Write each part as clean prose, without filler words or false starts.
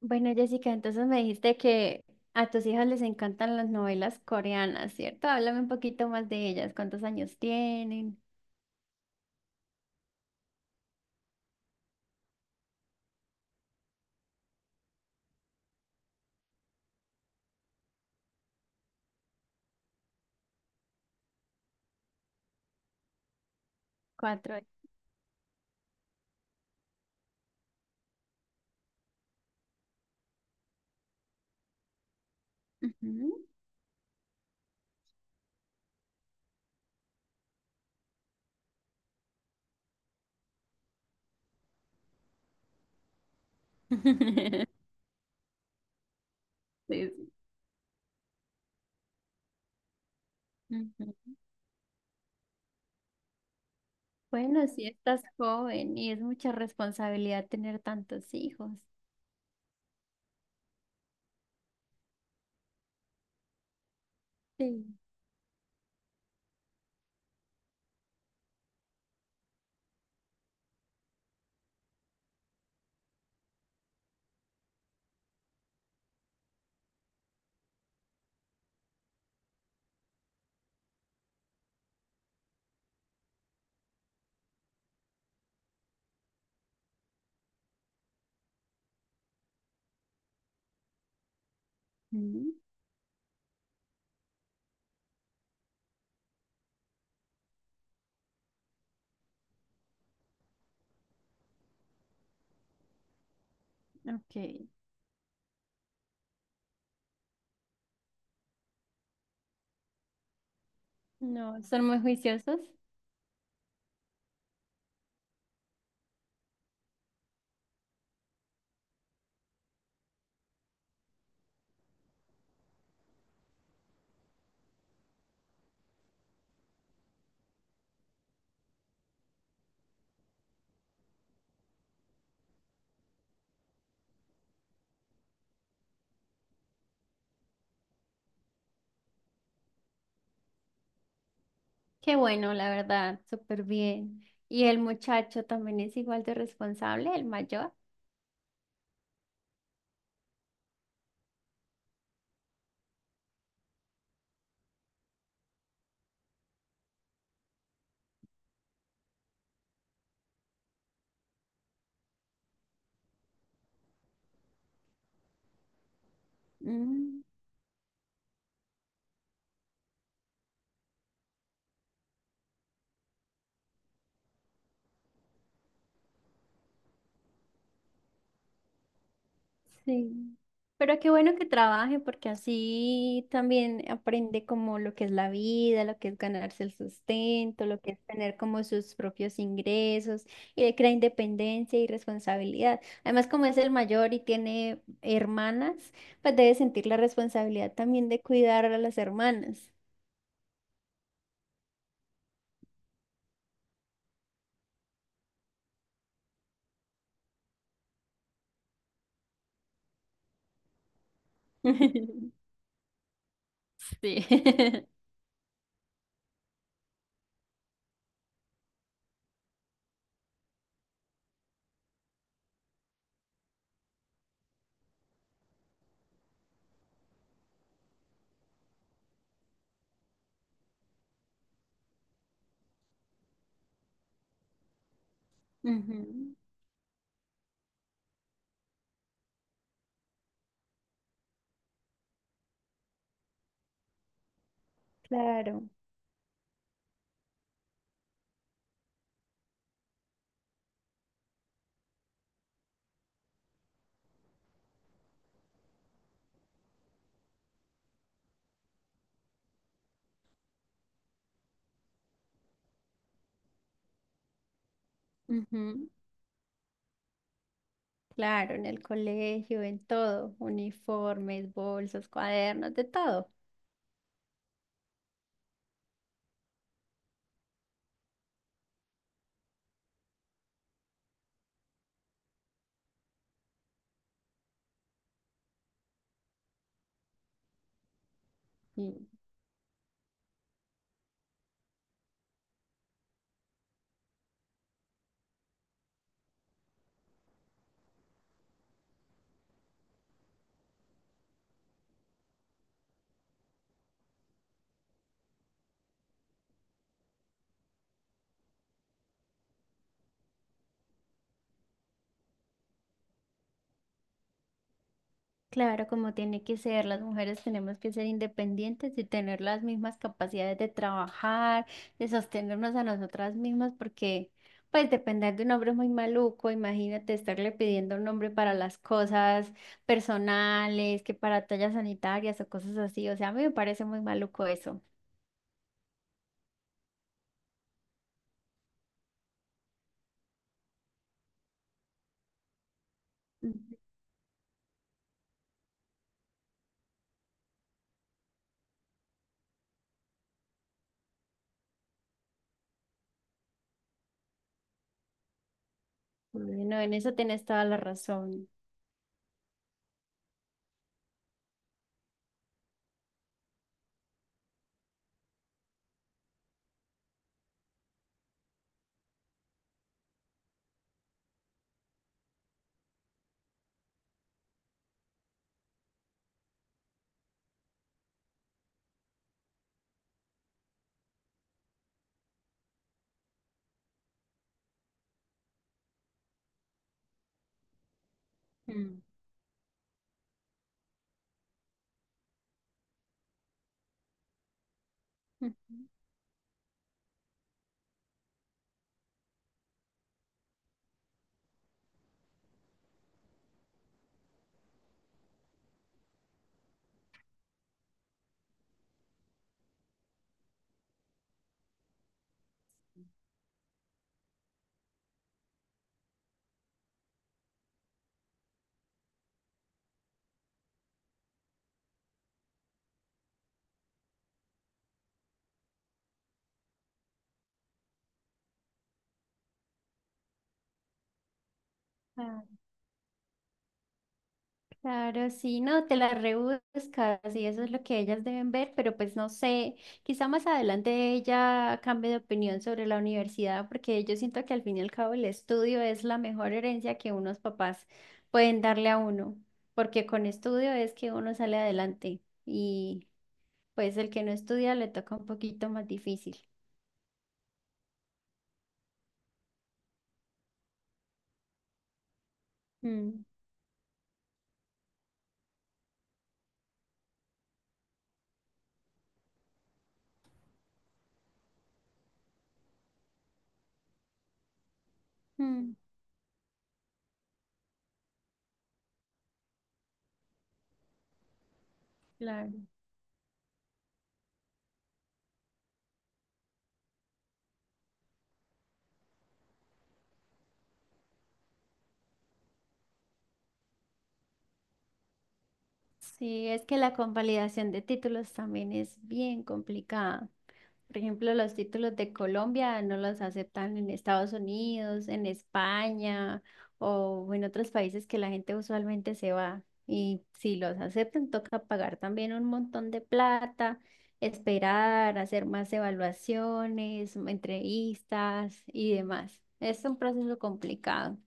Bueno, Jessica, entonces me dijiste que a tus hijas les encantan las novelas coreanas, ¿cierto? Háblame un poquito más de ellas. ¿Cuántos años tienen? Cuatro. Ujú. Sí, sí. Ujú. Bueno, sí estás joven y es mucha responsabilidad tener tantos hijos. Sí. Ujú. Ok. No, son muy juiciosos. Qué bueno, la verdad, súper bien. ¿Y el muchacho también es igual de responsable, el mayor? Mm. Sí. Pero qué bueno que trabaje porque así también aprende como lo que es la vida, lo que es ganarse el sustento, lo que es tener como sus propios ingresos y le crea independencia y responsabilidad. Además, como es el mayor y tiene hermanas, pues debe sentir la responsabilidad también de cuidar a las hermanas. Sí. Ujú, claro. Ujú. Claro, en el colegio, en todo, uniformes, bolsos, cuadernos, de todo. Y claro, como tiene que ser, las mujeres tenemos que ser independientes y tener las mismas capacidades de trabajar, de sostenernos a nosotras mismas, porque pues depender de un hombre es muy maluco, imagínate estarle pidiendo a un hombre para las cosas personales, que para tallas sanitarias o cosas así, o sea, a mí me parece muy maluco eso. Ujú. Bueno, en eso tienes toda la razón. Mm. Ujú. Ah, claro, sí, no, te las rebuscas y eso es lo que ellas deben ver, pero pues no sé, quizá más adelante ella cambie de opinión sobre la universidad, porque yo siento que al fin y al cabo el estudio es la mejor herencia que unos papás pueden darle a uno, porque con estudio es que uno sale adelante y pues el que no estudia le toca un poquito más difícil. Mm, mm, claro. Sí, es que la convalidación de títulos también es bien complicada. Por ejemplo, los títulos de Colombia no los aceptan en Estados Unidos, en España o en otros países que la gente usualmente se va. Y si los aceptan, toca pagar también un montón de plata, esperar, hacer más evaluaciones, entrevistas y demás. Es un proceso complicado.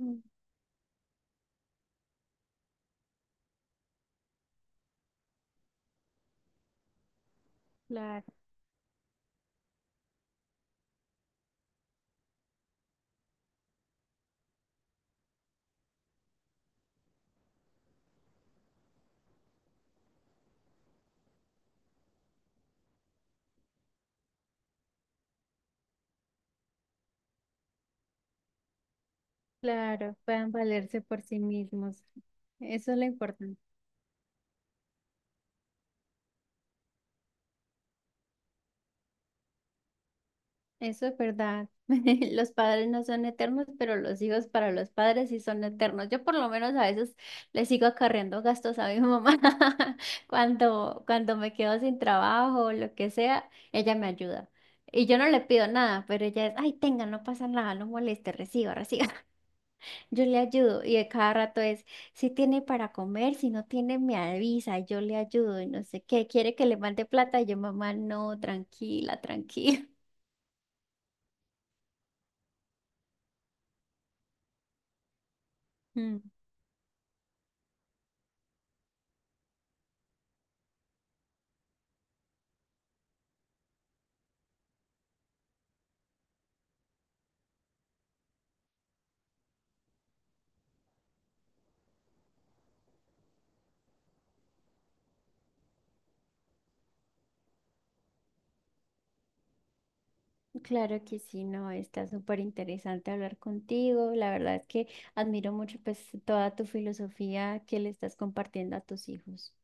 Mm, claro, claro, puedan valerse por sí mismos. Eso es lo importante. Eso es verdad. Los padres no son eternos, pero los hijos para los padres sí son eternos. Yo por lo menos a veces le sigo acarreando gastos a mi mamá. Cuando me quedo sin trabajo o lo que sea, ella me ayuda. Y yo no le pido nada, pero ella es, ay, tenga, no pasa nada, no moleste, reciba, reciba. Yo le ayudo y de cada rato es, si tiene para comer, si no tiene, me avisa, y yo le ayudo y no sé qué, quiere que le mande plata, y yo, mamá, no, tranquila, tranquila. Claro que sí, no, está súper interesante hablar contigo. La verdad es que admiro mucho pues toda tu filosofía que le estás compartiendo a tus hijos.